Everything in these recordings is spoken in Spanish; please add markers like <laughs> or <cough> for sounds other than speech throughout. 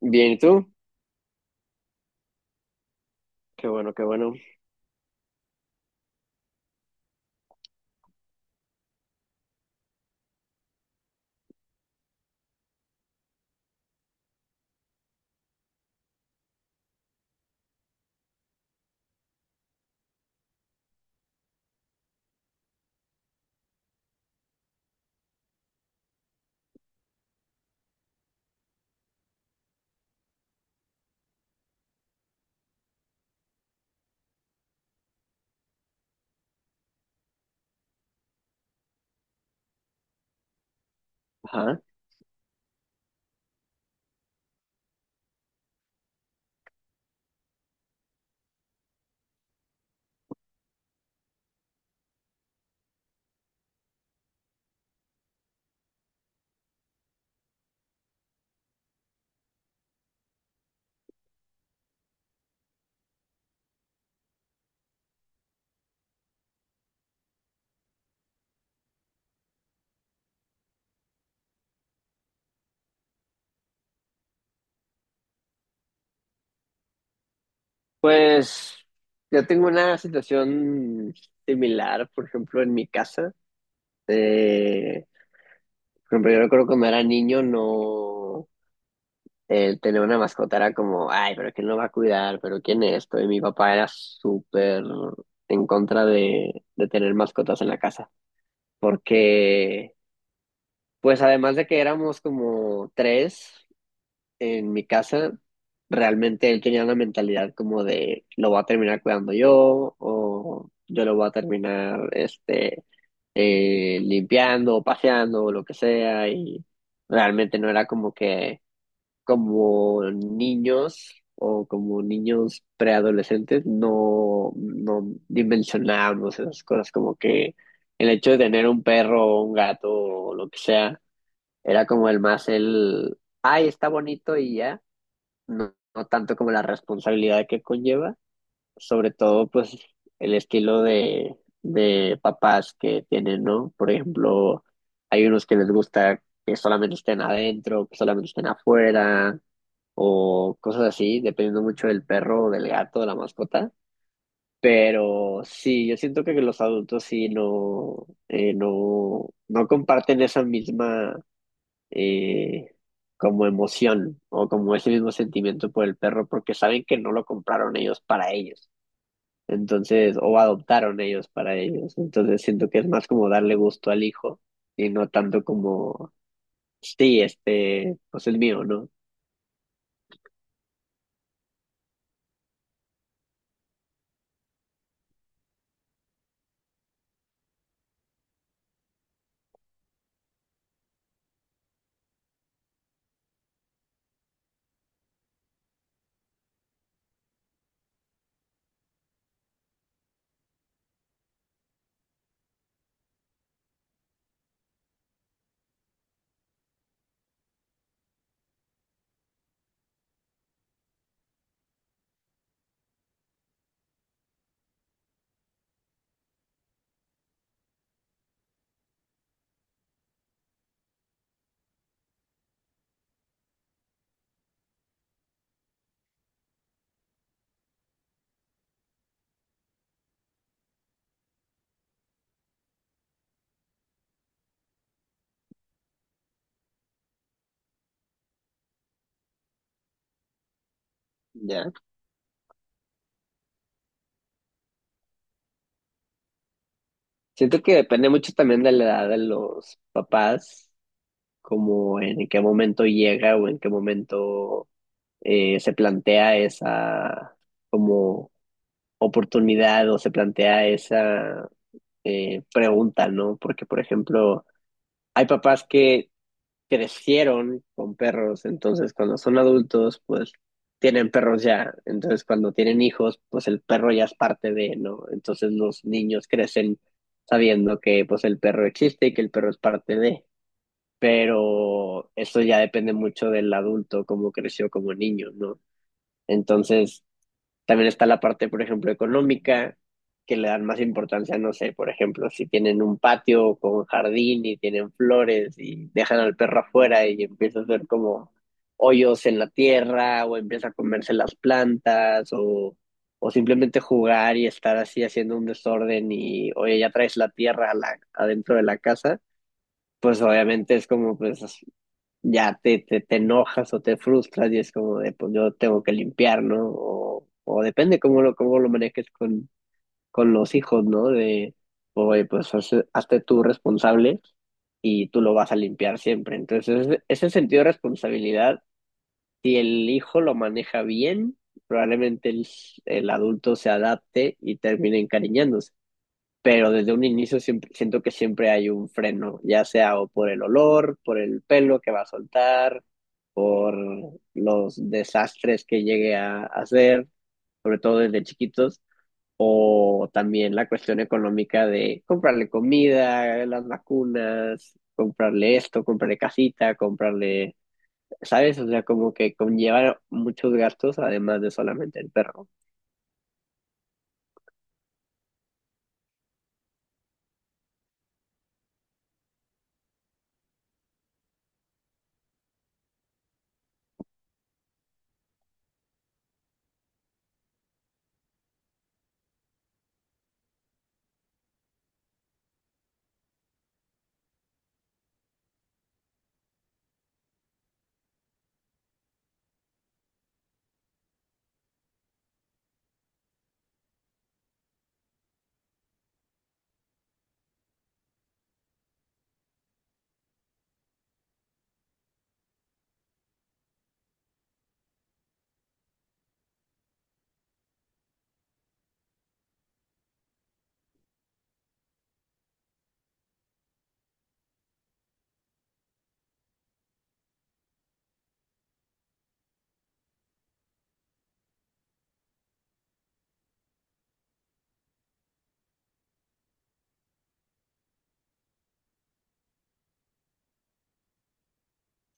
Bien, ¿y tú? Qué bueno, qué bueno. Ajá. Pues yo tengo una situación similar, por ejemplo, en mi casa. Eh, por ejemplo, yo recuerdo cuando era niño, no, tener una mascota era como, ay, pero ¿quién lo va a cuidar? ¿Pero quién es esto? Y mi papá era súper en contra de tener mascotas en la casa, porque, pues además de que éramos como tres en mi casa, realmente él tenía una mentalidad como de lo voy a terminar cuidando yo, o yo lo voy a terminar limpiando o paseando o lo que sea, y realmente no era como que, como niños o como niños preadolescentes, no, no dimensionábamos esas cosas, como que el hecho de tener un perro o un gato o lo que sea era como el, más el ay, está bonito y ya, no, no tanto como la responsabilidad que conlleva, sobre todo pues el estilo de papás que tienen, ¿no? Por ejemplo, hay unos que les gusta que solamente estén adentro, que solamente estén afuera, o cosas así, dependiendo mucho del perro o del gato, de la mascota. Pero sí, yo siento que los adultos sí no, no, no comparten esa misma, eh, como emoción o como ese mismo sentimiento por el perro, porque saben que no lo compraron ellos para ellos. Entonces, o adoptaron ellos para ellos. Entonces, siento que es más como darle gusto al hijo y no tanto como, sí, este, pues es mío, ¿no? Ya. Siento que depende mucho también de la edad de los papás, como en qué momento llega o en qué momento, se plantea esa como oportunidad, o se plantea esa, preguntan, ¿no? Porque, por ejemplo, hay papás que crecieron con perros, entonces cuando son adultos, pues tienen perros ya, entonces cuando tienen hijos, pues el perro ya es parte de, ¿no? Entonces los niños crecen sabiendo que pues el perro existe y que el perro es parte de, pero eso ya depende mucho del adulto, cómo creció como niño, ¿no? Entonces, también está la parte, por ejemplo, económica, que le dan más importancia, no sé, por ejemplo, si tienen un patio con jardín y tienen flores y dejan al perro afuera y empieza a hacer como hoyos en la tierra, o empieza a comerse las plantas, o simplemente jugar y estar así haciendo un desorden y, oye, ya traes la tierra a la- adentro de la casa, pues obviamente es como, pues ya te enojas o te frustras y es como de, pues yo tengo que limpiar, ¿no? O depende cómo lo manejes con los hijos, ¿no? De, oye, pues hazte tú responsable y tú lo vas a limpiar siempre. Entonces, ese sentido de responsabilidad, si el hijo lo maneja bien, probablemente el adulto se adapte y termine encariñándose, pero desde un inicio siempre, siento que siempre hay un freno, ya sea o por el olor, por el pelo que va a soltar, por los desastres que llegue a hacer, sobre todo desde chiquitos, o también la cuestión económica de comprarle comida, las vacunas, comprarle esto, comprarle casita, comprarle, ¿sabes? O sea, como que conlleva muchos gastos además de solamente el perro.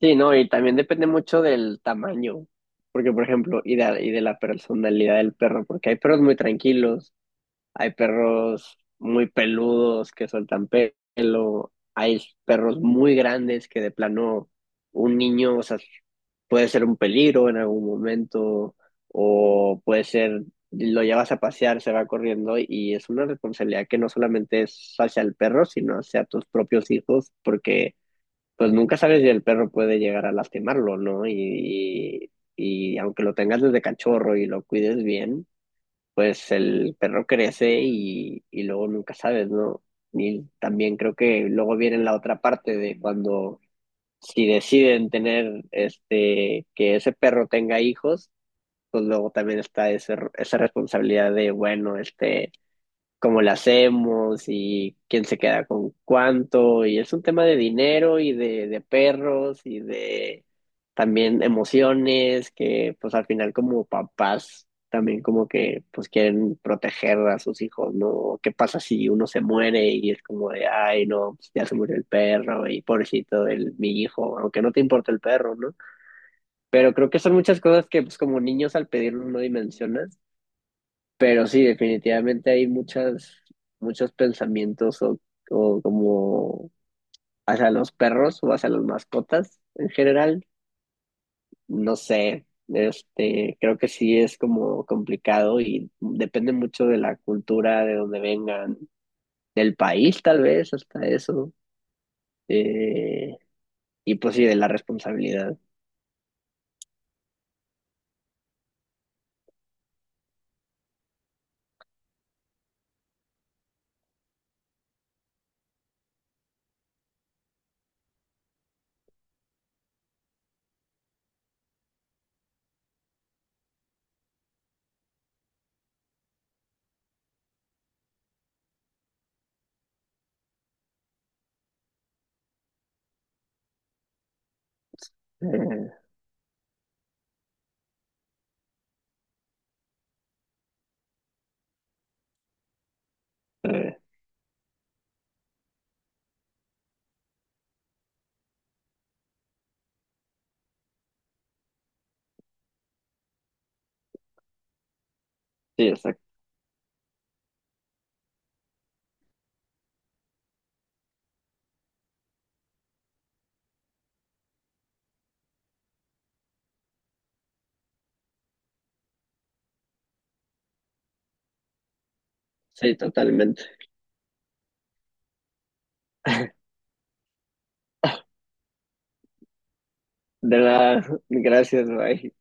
Sí, no, y también depende mucho del tamaño, porque por ejemplo, y de la personalidad del perro, porque hay perros muy tranquilos, hay perros muy peludos que sueltan pelo, hay perros muy grandes que de plano un niño, o sea, puede ser un peligro en algún momento, o puede ser, lo llevas a pasear, se va corriendo, y es una responsabilidad que no solamente es hacia el perro, sino hacia tus propios hijos, porque pues nunca sabes si el perro puede llegar a lastimarlo, ¿no? Y, y aunque lo tengas desde cachorro y lo cuides bien, pues el perro crece y luego nunca sabes, ¿no? Y también creo que luego viene la otra parte de cuando si deciden tener este que ese perro tenga hijos, pues luego también está ese- esa responsabilidad de, bueno, este, cómo la hacemos y quién se queda con cuánto. Y es un tema de dinero y de perros y de también emociones, que pues al final como papás también como que pues quieren proteger a sus hijos, ¿no? ¿Qué pasa si uno se muere y es como de, ay, no, pues, ya se murió el perro y pobrecito el, mi hijo, aunque no te importa el perro, ¿no? Pero creo que son muchas cosas que pues como niños al pedirlo no dimensionas, pero sí, definitivamente hay muchas, muchos pensamientos o como hacia los perros o hacia las mascotas en general. No sé, este, creo que sí es como complicado y depende mucho de la cultura, de dónde vengan, del país tal vez, hasta eso. Eh, y pues sí, de la responsabilidad. Eh, eh, sí, exacto. Sí, totalmente. <laughs> De nada, gracias, bye.